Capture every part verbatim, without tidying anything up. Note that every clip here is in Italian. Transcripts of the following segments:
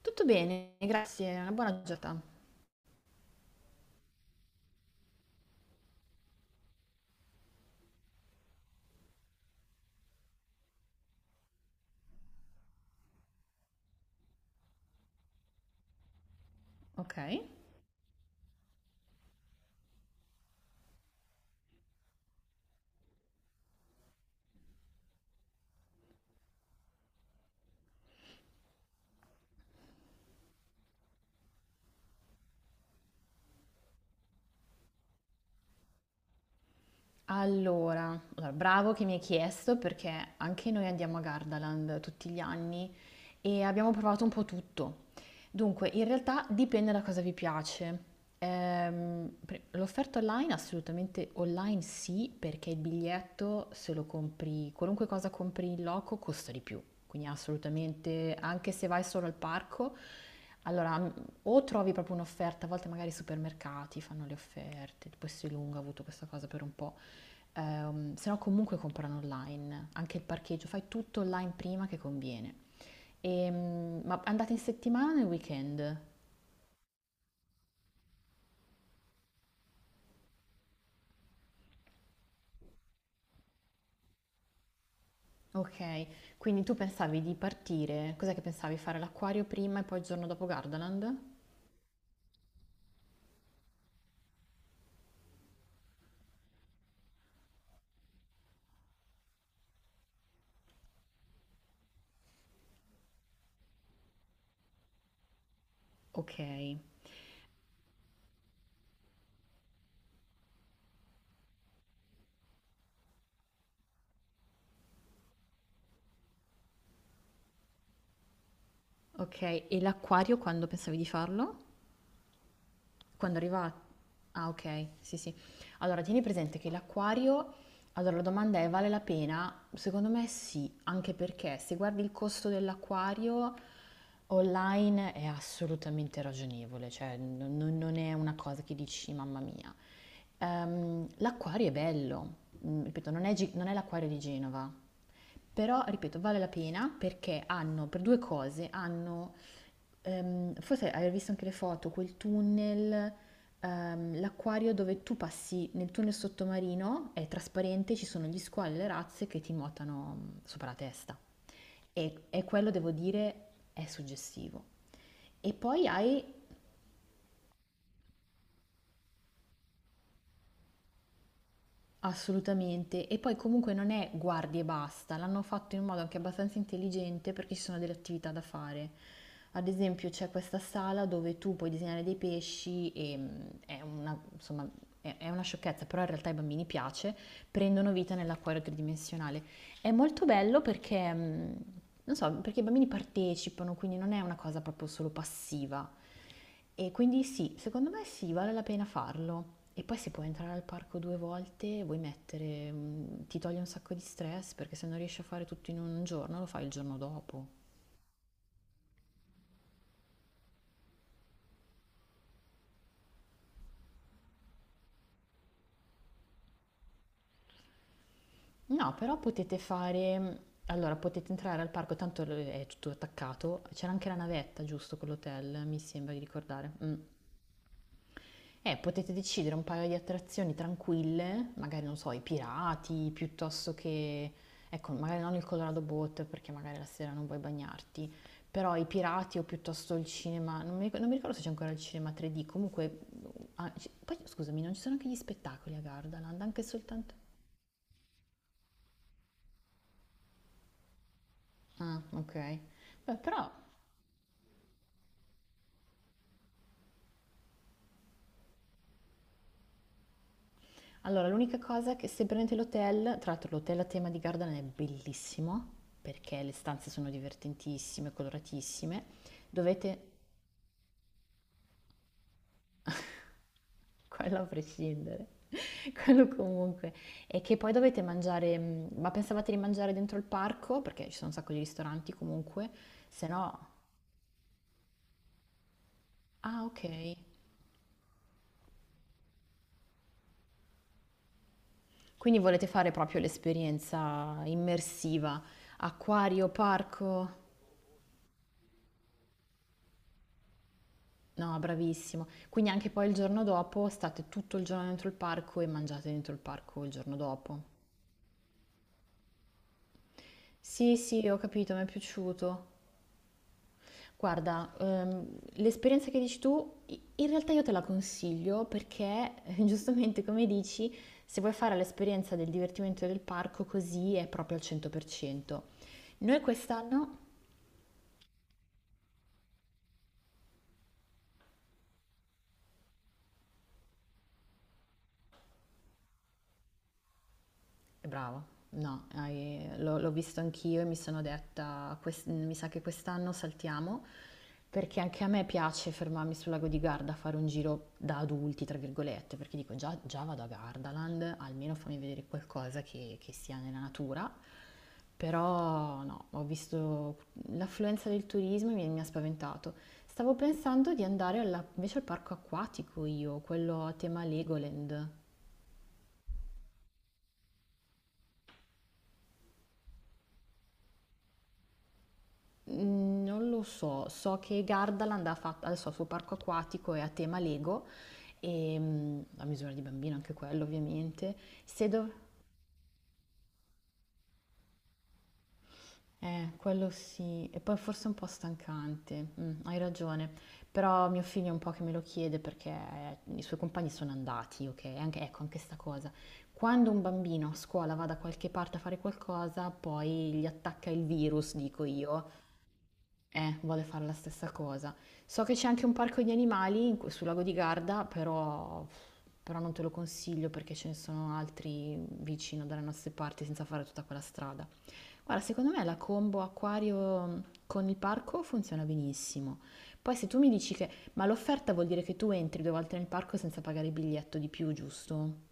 Tutto bene, grazie, una buona giornata. Ok. Allora, allora, bravo che mi hai chiesto perché anche noi andiamo a Gardaland tutti gli anni e abbiamo provato un po' tutto. Dunque, in realtà dipende da cosa vi piace. Ehm, pre- l'offerta online, assolutamente online sì, perché il biglietto se lo compri, qualunque cosa compri in loco costa di più. Quindi assolutamente, anche se vai solo al parco, allora, m- o trovi proprio un'offerta, a volte magari i supermercati fanno le offerte, tipo Essilunga ha avuto questa cosa per un po'. Ehm, se no comunque comprano online, anche il parcheggio, fai tutto online prima che conviene. Ehm, ma andate in settimana o nel weekend? Ok, quindi tu pensavi di partire, cos'è che pensavi? Fare l'acquario prima e poi il giorno dopo Gardaland? Ok, ok, e l'acquario quando pensavi di farlo? Quando arriva. Ah, ok, sì, sì. Allora, tieni presente che l'acquario, allora la domanda è, vale la pena? Secondo me sì, anche perché se guardi il costo dell'acquario online è assolutamente ragionevole, cioè non, non- non è una cosa che dici, mamma mia. Ehm, l'acquario è bello, Mm, ripeto, non è, Gi- non è l'acquario di Genova, però, ripeto, vale la pena perché hanno, per due cose, hanno, ehm, forse aver visto anche le foto, quel tunnel, ehm, l'acquario dove tu passi nel tunnel sottomarino, è trasparente, ci sono gli squali e le razze che ti nuotano mm, sopra la testa. E, e quello, devo dire, è suggestivo. E poi hai Assolutamente, e poi comunque non è guardi e basta, l'hanno fatto in un modo anche abbastanza intelligente perché ci sono delle attività da fare. Ad esempio c'è questa sala dove tu puoi disegnare dei pesci e mh, è una, insomma, è è una sciocchezza, però in realtà ai bambini piace, prendono vita nell'acquario tridimensionale. È molto bello perché, mh, non so, perché i bambini partecipano, quindi non è una cosa proprio solo passiva. E quindi sì, secondo me sì, vale la pena farlo. E poi se puoi entrare al parco due volte, vuoi mettere, mh, ti toglie un sacco di stress perché se non riesci a fare tutto in un giorno, lo fai il giorno dopo. No, però potete fare, mm, allora potete entrare al parco, tanto è tutto attaccato, c'era anche la navetta, giusto, con l'hotel, mi sembra di ricordare. Eh, potete decidere un paio di attrazioni tranquille, magari non so, i pirati, piuttosto che, ecco, magari non il Colorado Boat perché magari la sera non vuoi bagnarti, però i pirati o piuttosto il cinema, non mi, ric- non mi ricordo se c'è ancora il cinema tre D, comunque, ah, c- poi scusami, non ci sono anche gli spettacoli a Gardaland, anche soltanto... Ah, ok. Beh, però Allora, l'unica cosa che se prendete l'hotel, tra l'altro l'hotel a tema di Gardaland è bellissimo, perché le stanze sono divertentissime, coloratissime, dovete, quello a prescindere, quello comunque, e che poi dovete mangiare, mh, ma pensavate di mangiare dentro il parco? Perché ci sono un sacco di ristoranti comunque, se no... Ah, ok. Quindi volete fare proprio l'esperienza immersiva, acquario, parco? No, bravissimo. Quindi anche poi il giorno dopo state tutto il giorno dentro il parco e mangiate dentro il parco il giorno dopo. Sì, sì, ho capito, mi è piaciuto. Guarda, ehm, l'esperienza che dici tu, i- in realtà io te la consiglio perché, eh, giustamente come dici, se vuoi fare l'esperienza del divertimento del parco, così è proprio al cento per cento. Noi quest'anno. Brava, no, hai- l'ho l'ho visto anch'io e mi, sono detta, "Quest- mi sa che quest'anno saltiamo, perché anche a me piace fermarmi sul lago di Garda a fare un giro da adulti, tra virgolette, perché dico già, già vado a Gardaland, almeno fammi vedere qualcosa che, che sia nella natura, però no, ho visto l'affluenza del turismo e mi, mi ha spaventato. Stavo pensando di andare alla- invece al parco acquatico io, quello a tema Legoland. Mm, Non lo so, so che Gardaland ha fatto adesso ha il suo parco acquatico è a tema Lego, e, mm, a misura di bambino anche quello ovviamente. Se dov- eh, quello sì, e poi forse è un po' stancante, mm, hai ragione, però mio figlio è un po' che me lo chiede perché eh, i suoi compagni sono andati, ok? Anche, ecco, anche sta cosa. Quando un bambino a scuola va da qualche parte a fare qualcosa, poi gli attacca il virus, dico io, Eh, vuole fare la stessa cosa. So che c'è anche un parco di animali in que- sul lago di Garda, però, però non te lo consiglio perché ce ne sono altri vicino dalle nostre parti senza fare tutta quella strada. Guarda, secondo me la combo acquario mm, con il parco funziona benissimo. Poi se tu mi dici che... Ma l'offerta vuol dire che tu entri due volte nel parco senza pagare il biglietto di più, giusto?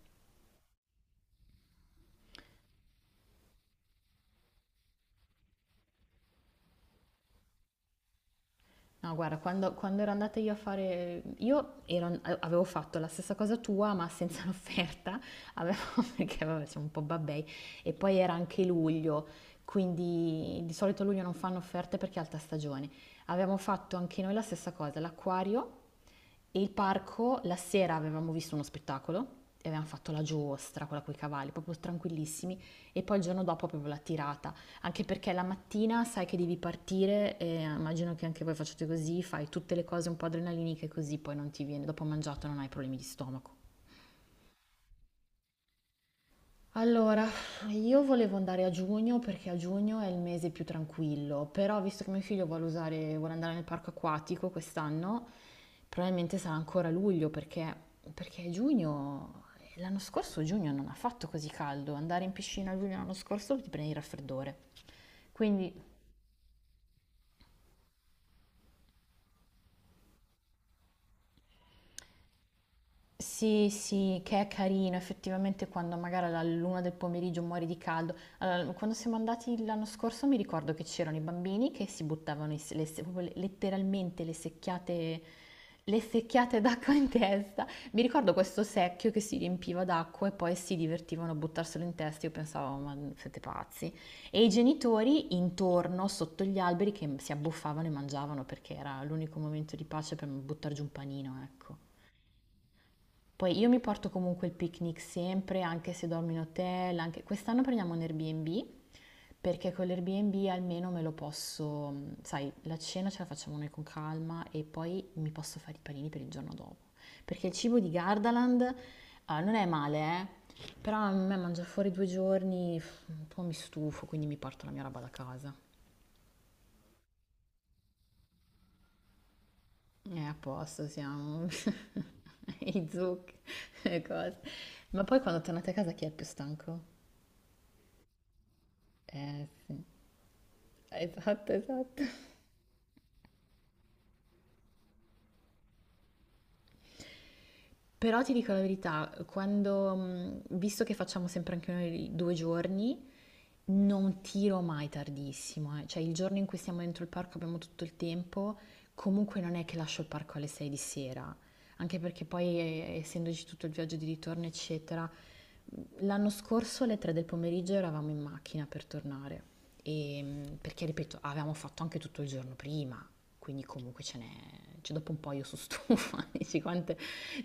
No, guarda, quando, quando ero andata io a fare... Io ero- avevo fatto la stessa cosa tua, ma senza l'offerta, avevo, perché vabbè, siamo un po' babbei, e poi era anche luglio, quindi di solito a luglio non fanno offerte perché è alta stagione. Avevamo fatto anche noi la stessa cosa, l'acquario, e il parco, la sera avevamo visto uno spettacolo e avevamo fatto la giostra, quella con i cavalli, proprio tranquillissimi, e poi il giorno dopo proprio la tirata, anche perché la mattina sai che devi partire e immagino che anche voi facciate così, fai tutte le cose un po' adrenaliniche così poi non ti viene, dopo mangiato non hai problemi di stomaco. Allora, io volevo andare a giugno perché a giugno è il mese più tranquillo, però visto che mio figlio vuole usare, vuole andare nel parco acquatico quest'anno, probabilmente sarà ancora luglio perché, perché giugno, l'anno scorso giugno non ha fatto così caldo, andare in piscina a luglio l'anno scorso ti prendi il raffreddore. Quindi Sì, sì, che è carino, effettivamente quando magari alla luna del pomeriggio muori di caldo. Allora, quando siamo andati l'anno scorso mi ricordo che c'erano i bambini che si buttavano i se- le se- proprio le- letteralmente le secchiate, le secchiate d'acqua in testa. Mi ricordo questo secchio che si riempiva d'acqua e poi si divertivano a buttarselo in testa. Io pensavo, ma siete pazzi. E i genitori intorno, sotto gli alberi, che si abbuffavano e mangiavano perché era l'unico momento di pace per buttare giù un panino, ecco. Poi io mi porto comunque il picnic sempre, anche se dormo in hotel, anche- quest'anno prendiamo un Airbnb, perché con l'Airbnb almeno me lo posso, sai, la cena ce la facciamo noi con calma e poi mi posso fare i panini per il giorno dopo. Perché il cibo di Gardaland, ah, non è male, eh, però a me mangiare fuori due giorni, pff, un po' mi stufo, quindi mi porto la mia roba da casa. E a posto siamo, i zucchi, le cose. Ma poi quando tornate a casa chi è il più stanco? Eh sì, esatto, esatto. Però ti dico la verità, quando, mh, visto che facciamo sempre anche noi due giorni, non tiro mai tardissimo, eh. Cioè il giorno in cui siamo dentro il parco abbiamo tutto il tempo, comunque non è che lascio il parco alle sei di sera, anche perché poi eh, essendoci tutto il viaggio di ritorno, eccetera, mm, l'anno scorso alle tre del pomeriggio eravamo in macchina per tornare. E, mh, perché ripeto, avevamo fatto anche tutto il giorno prima, quindi comunque ce n'è, cioè dopo un po' io sono stufa, dici quante...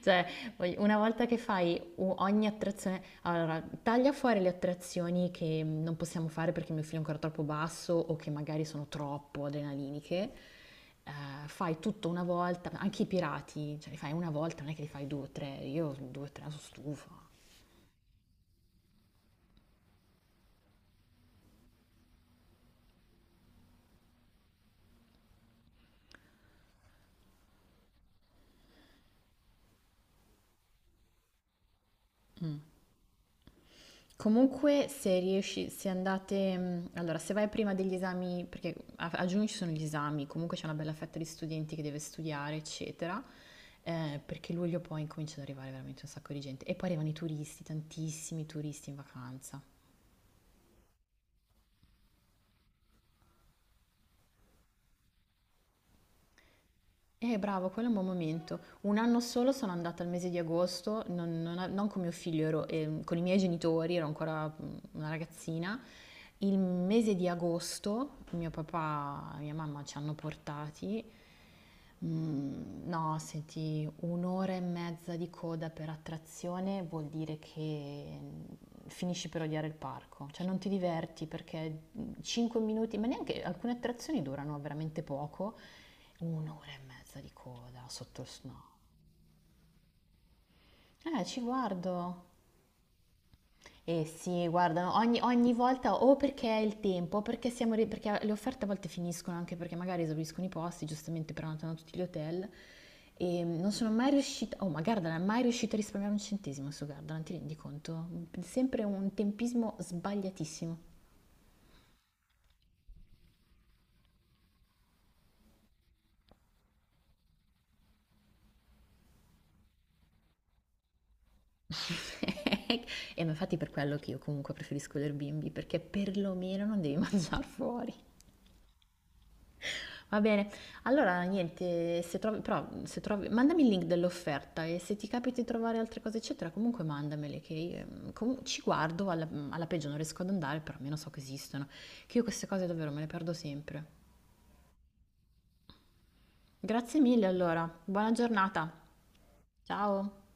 Cioè, voglio- una volta che fai u- ogni attrazione, allora taglia fuori le attrazioni che mm, non possiamo fare perché il mio figlio è ancora troppo basso o che magari sono troppo adrenaliniche. Eh, fai tutto una volta, anche i pirati, cioè li fai una volta, non è che li fai due o tre, io due o tre sono stufa. Comunque, se riesci, se andate, mh, allora, se vai prima degli esami, perché a, a giugno ci sono gli esami, comunque c'è una bella fetta di studenti che deve studiare, eccetera, eh, perché luglio poi comincia ad arrivare veramente un sacco di gente. E poi arrivano i turisti, tantissimi turisti in vacanza. Eh, bravo, quello è un buon momento. Un anno solo sono andata al mese di agosto, non, non- non con mio figlio, ero, ehm, con i miei genitori, ero ancora mm, una ragazzina. Il mese di agosto mio papà e mia mamma ci hanno portati. Mm, No, senti, un'ora e mezza di coda per attrazione vuol dire che mm, finisci per odiare il parco, cioè non ti diverti perché cinque minuti, ma neanche alcune attrazioni durano veramente poco, un'ora e mezza di coda sotto il snow. Eh, ci guardo. Eh sì, guardano, ogni, ogni volta o perché è il tempo, o perché, siamo, ri- perché le offerte a volte finiscono anche perché magari esauriscono i posti, giustamente prenotano tutti gli hotel e non sono mai riuscita, oh ma Gardaland, è mai riuscita a risparmiare un centesimo su Gardaland, ti rendi conto? Sempre un tempismo sbagliatissimo. E ma infatti per quello che io comunque preferisco l'Airbnb, perché perlomeno non devi mangiare fuori. Va bene, allora niente, se trovi, però se trovi, mandami il link dell'offerta e se ti capita di trovare altre cose eccetera, comunque mandamele che io, mm, com- ci guardo, alla, mm, alla peggio non riesco ad andare, però almeno so che esistono, che io queste cose davvero me le perdo sempre. Grazie mille allora, buona giornata, ciao!